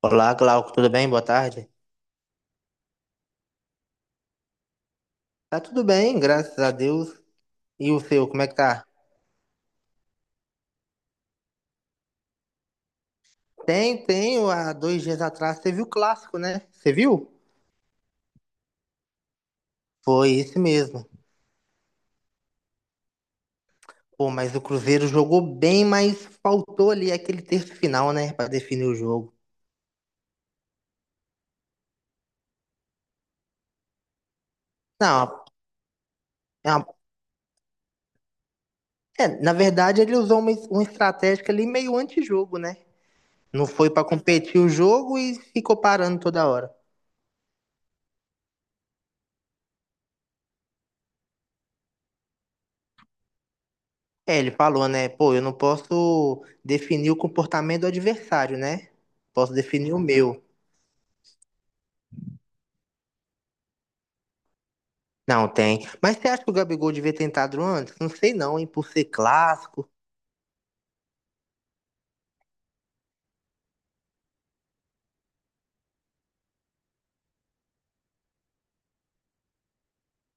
Olá, Glauco, tudo bem? Boa tarde. Tá tudo bem, graças a Deus. E o seu, como é que tá? Tem, tem, há dois dias atrás você viu o clássico, né? Você viu? Foi esse mesmo. Pô, mas o Cruzeiro jogou bem, mas faltou ali aquele terço final, né, pra definir o jogo. Não, é uma- é, na verdade ele usou uma estratégia ali meio antijogo, né? Não foi pra competir o jogo e ficou parando toda hora. É, ele falou, né? Pô, eu não posso definir o comportamento do adversário, né? Posso definir o meu. Não tem. Mas você acha que o Gabigol devia ter entrado antes? Não sei não, hein? Por ser clássico.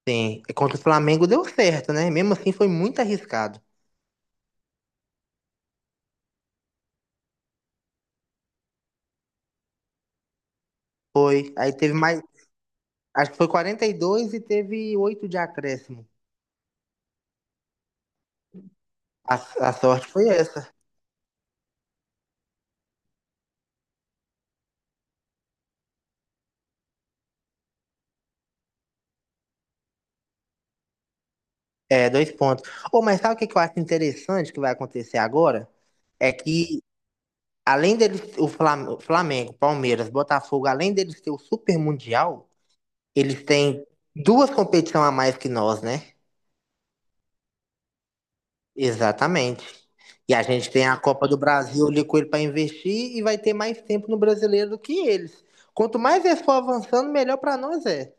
Sim. E contra o Flamengo deu certo, né? Mesmo assim foi muito arriscado. Foi. Aí teve mais. Acho que foi quarenta e dois e teve 8 de acréscimo. A, a sorte foi essa. É, dois pontos. Ô, mas sabe o que que eu acho interessante que vai acontecer agora? É que além deles, o Flamengo, Palmeiras, Botafogo, além deles ter o Super Mundial, eles têm duas competições a mais que nós, né? Exatamente. E a gente tem a Copa do Brasil ali com ele para investir e vai ter mais tempo no brasileiro do que eles. Quanto mais eles for avançando, melhor para nós é.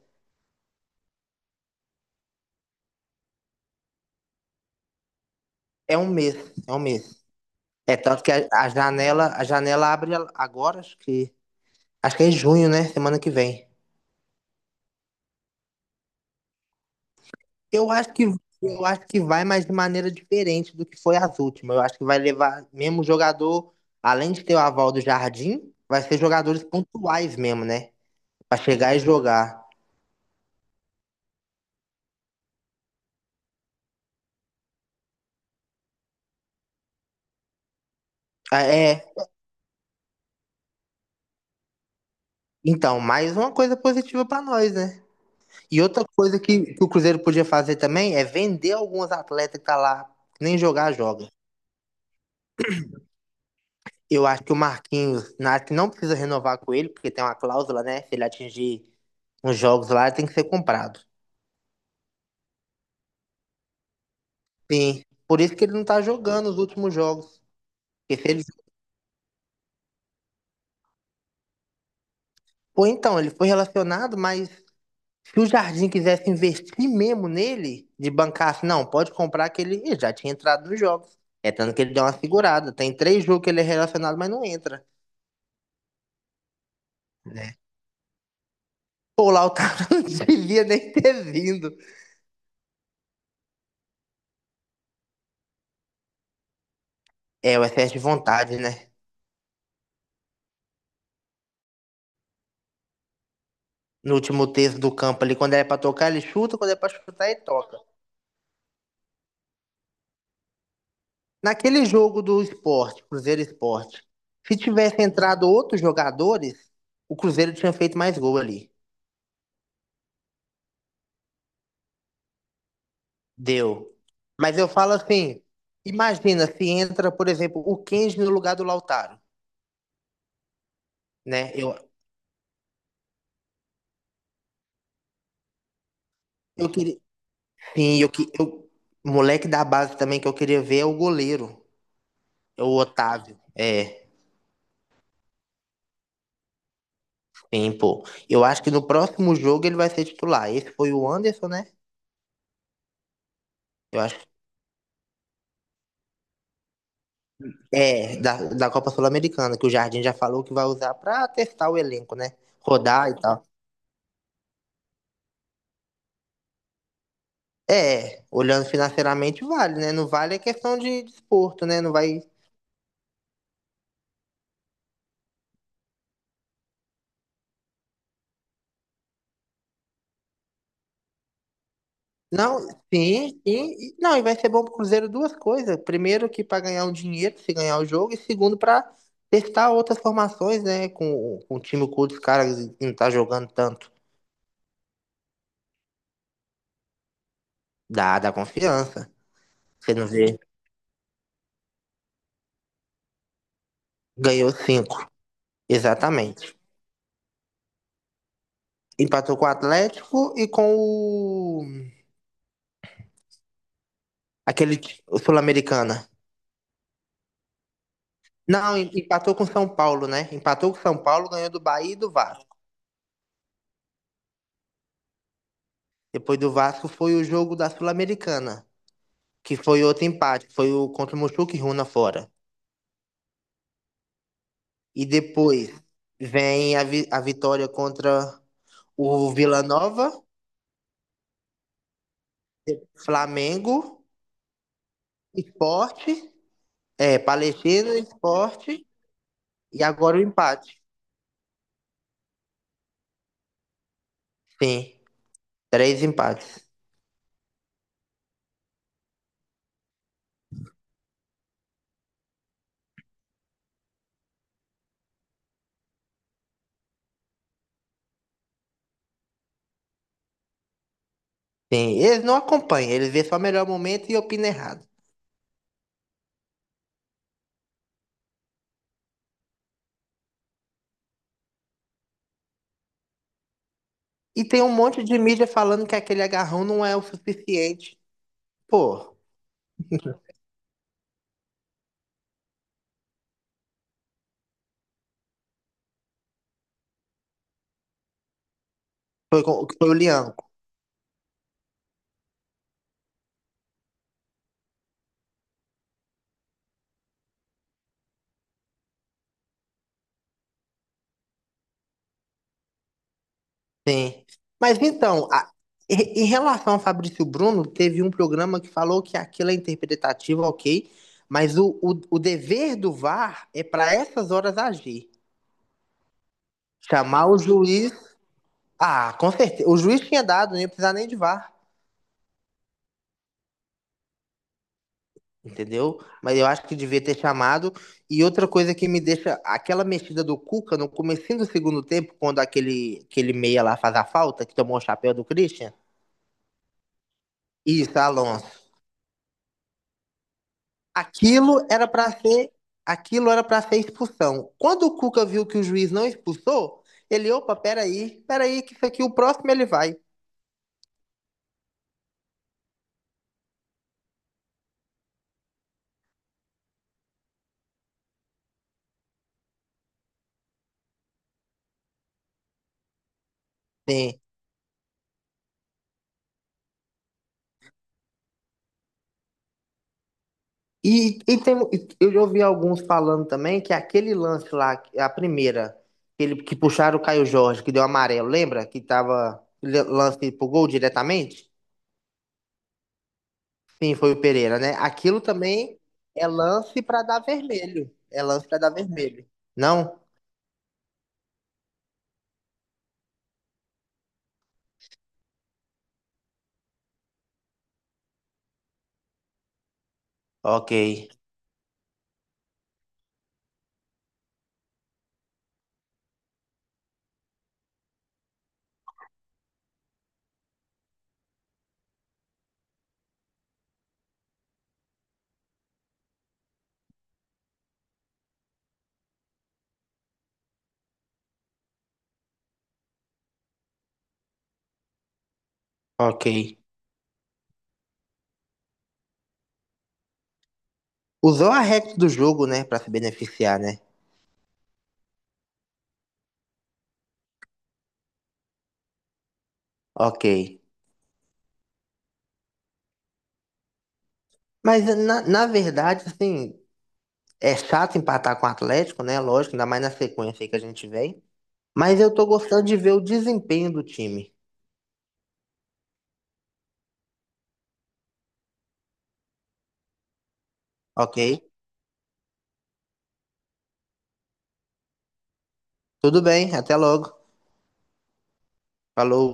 É um mês, é um mês. É tanto que a janela abre agora, acho que é em junho, né? Semana que vem. Eu acho que eu acho que vai, mas de maneira diferente do que foi as últimas. Eu acho que vai levar mesmo jogador, além de ter o aval do Jardim, vai ser jogadores pontuais mesmo, né? Pra chegar e jogar. Ah, é, então, mais uma coisa positiva pra nós, né? E outra coisa que o Cruzeiro podia fazer também é vender alguns atletas que tá lá, que nem jogar, joga. Eu acho que o Marquinhos, acho que não precisa renovar com ele, porque tem uma cláusula, né? Se ele atingir uns jogos lá, ele tem que ser comprado. Sim. Por isso que ele não tá jogando os últimos jogos. Porque se ele... Pô, então, ele foi relacionado, mas se o Jardim quisesse investir mesmo nele, de bancar assim, não, pode comprar que ele Ih, já tinha entrado nos jogos. É tanto que ele deu uma segurada. Tem três jogos que ele é relacionado, mas não entra, né? Pô, lá o Lautaro não devia nem ter vindo. É, o excesso de vontade, né? No último terço do campo ali, quando é pra tocar, ele chuta, quando é pra chutar, ele toca. Naquele jogo do Sport, Cruzeiro e Sport, se tivesse entrado outros jogadores, o Cruzeiro tinha feito mais gol ali. Deu. Mas eu falo assim, imagina se entra, por exemplo, o Kenji no lugar do Lautaro, né? Eu queria, sim, moleque da base também que eu queria ver é o goleiro, é o Otávio. É, sim, pô. Eu acho que no próximo jogo ele vai ser titular. Esse foi o Anderson, né? Eu acho é, da Copa Sul-Americana, que o Jardim já falou que vai usar pra testar o elenco, né? Rodar e tal. É, olhando financeiramente vale, né? Não vale é questão de desporto, né? Não vai. Não, sim, sim. Não, e vai ser bom pro Cruzeiro duas coisas. Primeiro, que para ganhar um dinheiro, se ganhar o jogo, e segundo, para testar outras formações, né? Com o time com outros caras que não tá jogando tanto. Dá confiança. Você não vê? Ganhou cinco. Exatamente. Empatou com o Atlético e com o. O Sul-Americana. Não, empatou com São Paulo, né? Empatou com São Paulo, ganhou do Bahia e do Vasco. Depois do Vasco foi o jogo da Sul-Americana, que foi outro empate, foi o contra o Mochuca Runa fora. E depois vem a vitória contra o Vila Nova, Flamengo, Sport, é, Palestino, Sport e agora o empate. Sim, três empates. Sim, eles não acompanham, eles vêem só o melhor momento e opinam errado. E tem um monte de mídia falando que aquele agarrão não é o suficiente. Pô, foi, foi o Lianco. Sim. Mas então, em relação ao Fabrício Bruno, teve um programa que falou que aquilo é interpretativo, ok, mas o dever do VAR é para essas horas agir. Chamar o juiz. Ah, com certeza. O juiz tinha dado, não ia precisar nem de VAR, entendeu? Mas eu acho que devia ter chamado. E outra coisa que me deixa, aquela mexida do Cuca no comecinho do segundo tempo, quando aquele meia lá faz a falta, que tomou o chapéu do Christian, isso, Alonso. Aquilo era pra ser, aquilo era para ser expulsão. Quando o Cuca viu que o juiz não expulsou, ele, opa, peraí, peraí, que isso aqui o próximo ele vai. Sim. E tem, eu já ouvi alguns falando também que aquele lance lá, a primeira, que ele, que puxaram o Caio Jorge, que deu amarelo, lembra? Que tava lance pro gol diretamente? Sim, foi o Pereira, né? Aquilo também é lance pra dar vermelho. É lance pra dar vermelho. Não? Ok, ok. Usou a regra do jogo, né, pra se beneficiar, né? Ok. Mas na verdade, assim, é chato empatar com o Atlético, né? Lógico, ainda mais na sequência aí que a gente vem. Mas eu tô gostando de ver o desempenho do time, ok? Tudo bem, até logo. Falou.